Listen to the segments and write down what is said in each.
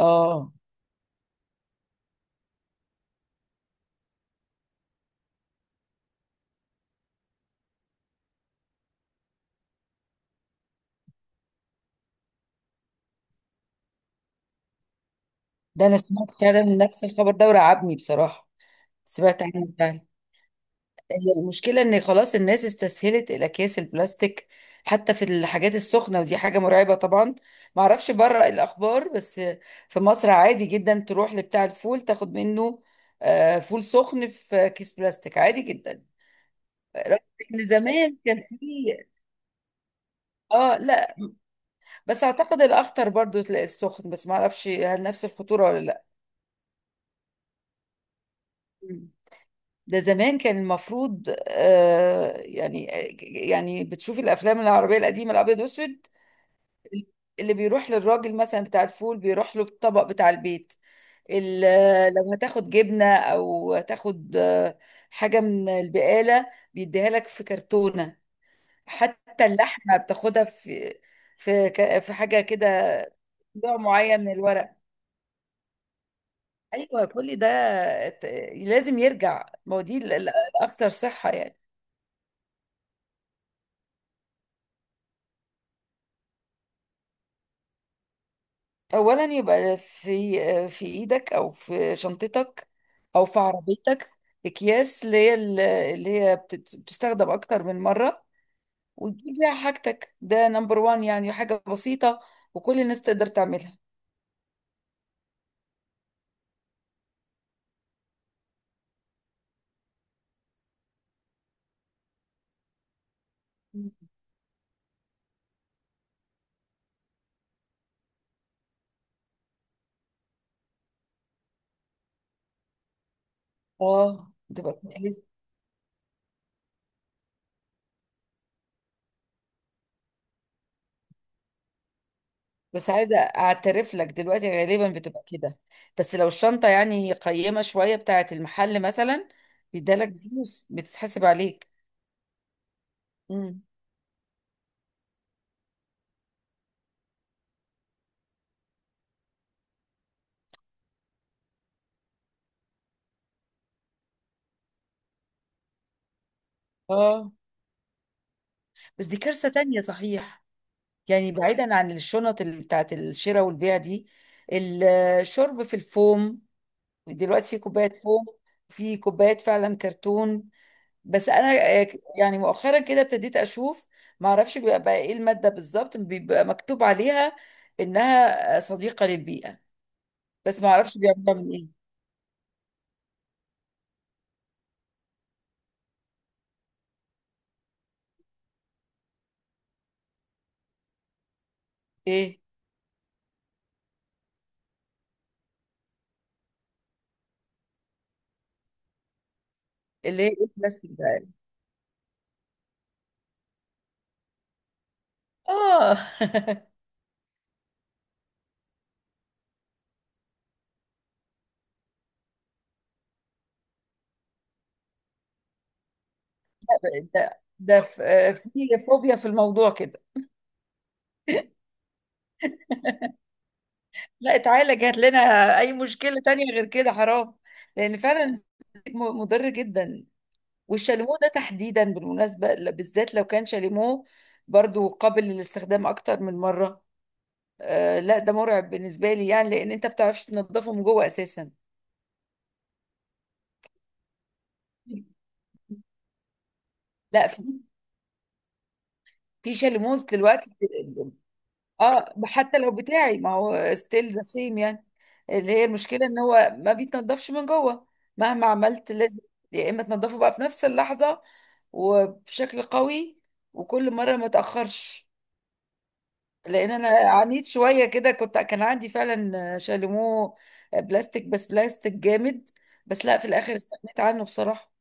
اه، ده انا سمعت فعلا نفس الخبر ده ورعبني بصراحه. سمعت عنه فعلا. هي المشكله ان خلاص الناس استسهلت الاكياس البلاستيك حتى في الحاجات السخنه، ودي حاجه مرعبه طبعا. ما اعرفش بره الاخبار، بس في مصر عادي جدا تروح لبتاع الفول تاخد منه فول سخن في كيس بلاستيك عادي جدا، رغم ان زمان كان في. اه، لا، بس اعتقد الاخطر برضو السخن، بس ما اعرفش هل نفس الخطوره ولا. لا، ده زمان كان المفروض يعني بتشوفي الافلام العربيه القديمه الابيض واسود، اللي بيروح للراجل مثلا بتاع الفول بيروح له الطبق بتاع البيت. لو هتاخد جبنه او هتاخد حاجه من البقاله، بيديها لك في كرتونه. حتى اللحمه بتاخدها في حاجه كده، نوع معين من الورق. ايوه، كل ده ت- لازم يرجع، ما هو دي الاكتر صحه يعني. اولا، يبقى في ايدك او في شنطتك او في عربيتك اكياس اللي هي بتستخدم اكتر من مره، وتجيب فيها حاجتك. ده نمبر وان، يعني حاجه بسيطه وكل الناس تقدر تعملها. اه، بتبقى كويس. بس عايزه اعترف لك دلوقتي غالبا بتبقى كده. بس لو الشنطه يعني قيمه شويه بتاعه المحل مثلا، بيدالك فلوس بتتحسب عليك. مم. اه، بس دي كارثه تانية صحيح. يعني بعيدا عن الشنط اللي بتاعت الشراء والبيع دي، الشرب في الفوم. دلوقتي في كوبايات فوم، في كوبايات فعلا كرتون، بس انا آه، يعني مؤخرا كده ابتديت اشوف. ما اعرفش بيبقى بقى ايه المادة بالظبط، بيبقى مكتوب عليها انها صديقة للبيئة، بس ما اعرفش بيعملوها من ايه. ايه، اللي هي ايه، البلاستيك ده؟ اه. ده في فوبيا في الموضوع كده. لا، اتعالج، هات لنا اي مشكله تانية غير كده، حرام. لان فعلا مضر جدا. والشاليمو ده تحديدا بالمناسبه، بالذات لو كان شاليمو برضو قابل للاستخدام اكتر من مره. آه، لا، ده مرعب بالنسبه لي يعني، لان انت بتعرفش تنضفه من جوه اساسا. لا، في شاليموز دلوقتي. اه، حتى لو بتاعي، ما هو ستيل ذا سيم يعني، اللي هي المشكله ان هو ما بيتنضفش من جوه. مهما عملت، لازم يا اما تنضفه بقى في نفس اللحظه وبشكل قوي، وكل مره ما تاخرش. لان انا عانيت شويه كده، كان عندي فعلا شاليمو بلاستيك، بس بلاستيك جامد، بس لا، في الاخر استغنيت عنه بصراحه.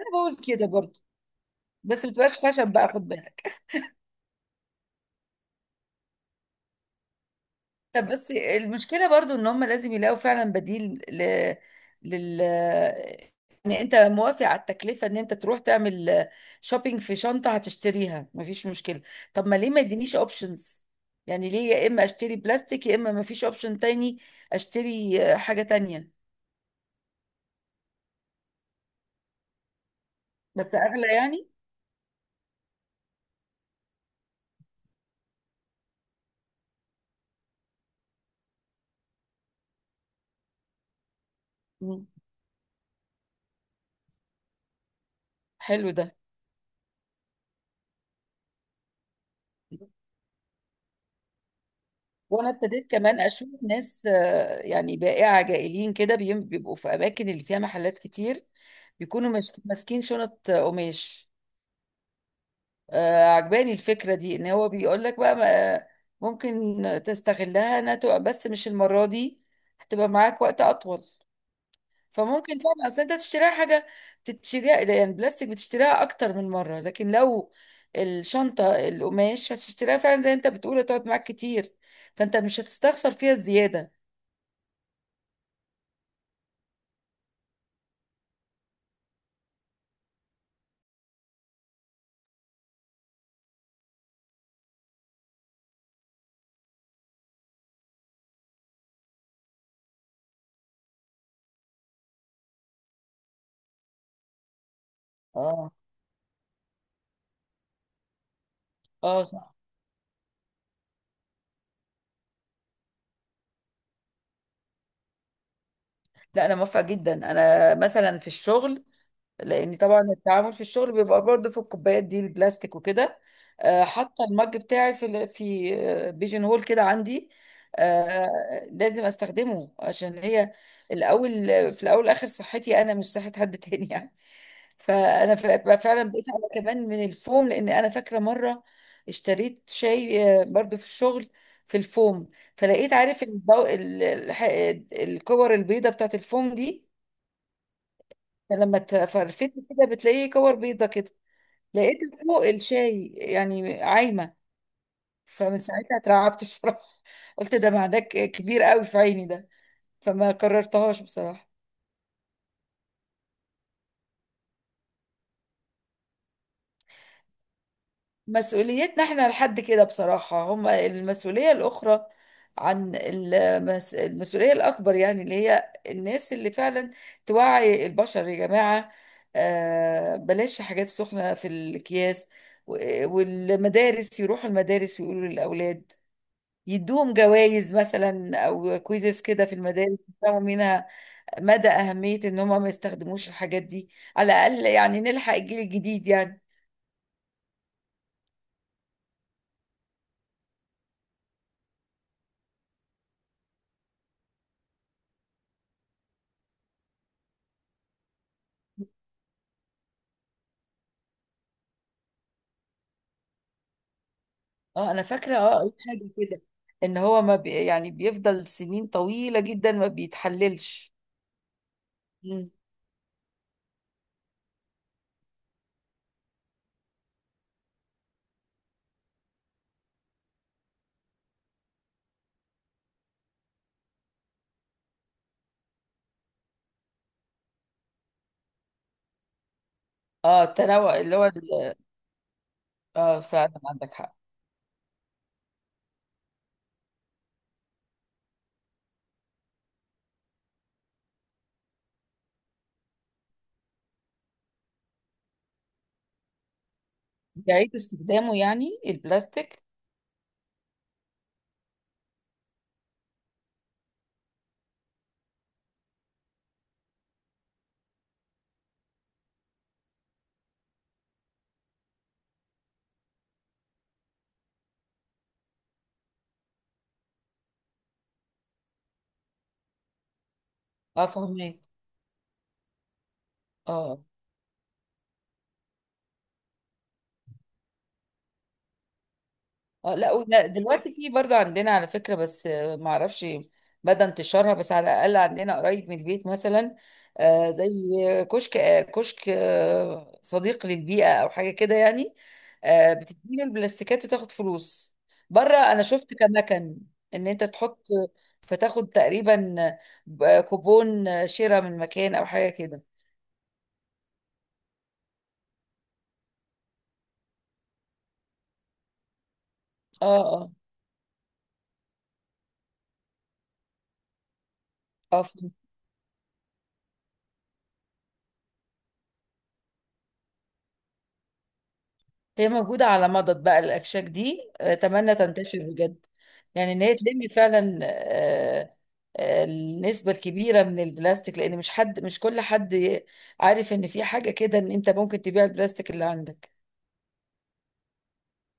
انا بقول كده برضه، بس ما تبقاش خشب بقى، خد بالك. طب بس المشكلة برضو ان هم لازم يلاقوا فعلا بديل. ل... لل يعني انت موافق على التكلفة ان انت تروح تعمل شوبينج في شنطة هتشتريها، مفيش مشكلة. طب ما ليه ما يدينيش اوبشنز؟ يعني ليه يا اما اشتري بلاستيك يا اما مفيش اوبشن تاني اشتري حاجة تانية. بس اغلى يعني. مم. حلو ده. وانا ابتديت كمان اشوف ناس يعني بائعة جائلين كده بيبقوا في اماكن اللي فيها محلات كتير، بيكونوا ماسكين شنط قماش. عجباني الفكرة دي، ان هو بيقول لك بقى ممكن تستغلها انها تبقى، بس مش المرة دي، هتبقى معاك وقت اطول. فممكن فعلا، اصل انت تشتريها حاجة بتشتريها يعني بلاستيك بتشتريها اكتر من مرة، لكن لو الشنطة القماش هتشتريها، فعلا زي انت بتقول هتقعد معاك كتير، فانت مش هتستخسر فيها الزيادة. اه، اه، صح. لا، انا موافقه جدا. انا مثلا في الشغل، لان طبعا التعامل في الشغل بيبقى برضه في الكوبايات دي البلاستيك وكده، حاطه المج بتاعي في بيجن هول كده عندي. لازم استخدمه، عشان هي الاول. في الاول والاخر صحتي انا، مش صحه حد تاني يعني. فانا بقى فعلا بقيت انا كمان من الفوم، لان انا فاكره مره اشتريت شاي برضو في الشغل في الفوم، فلقيت، عارف، الكور البيضه بتاعت الفوم دي، لما تفرفته كده بتلاقيه كور بيضة كده، لقيتها فوق الشاي يعني عايمة. فمن ساعتها اترعبت بصراحة، قلت ده معدك كبير قوي في عيني ده، فما قررتهاش بصراحة. مسؤوليتنا احنا لحد كده بصراحة. هم المسؤولية الأخرى، عن المس... المسؤولية الأكبر يعني اللي هي الناس اللي فعلا توعي البشر يا جماعة. آه، بلاش حاجات سخنة في الأكياس. والمدارس، يروحوا المدارس ويقولوا للأولاد، يدوهم جوائز مثلا او كويزز كده في المدارس، يفهموا منها مدى اهميه ان هم ما يستخدموش الحاجات دي، على الاقل يعني نلحق الجيل الجديد يعني. اه، انا فاكره، قريت حاجه كده ان هو ما بي، يعني بيفضل سنين طويله جدا ما بيتحللش. مم. اه، التنوع اللي هو ال-. اه، فعلا عندك حق. بيعيد استخدامه يعني البلاستيك. اه، فهمك. اه، اه، لا، دلوقتي في برضه عندنا على فكرة، بس ما اعرفش بدأ انتشارها، بس على الأقل عندنا قريب من البيت مثلا، زي كشك صديق للبيئة أو حاجة كده يعني، بتديله البلاستيكات وتاخد فلوس. بره أنا شفت كمكن إن أنت تحط، فتاخد تقريبا كوبون شراء من مكان أو حاجة كده. اه، اه، اه، هي موجودة على مضض بقى الأكشاك دي، أتمنى تنتشر بجد، يعني إن هي تلم فعلا النسبة الكبيرة من البلاستيك، لأن مش حد، مش كل حد عارف إن في حاجة كده، إن أنت ممكن تبيع البلاستيك اللي عندك.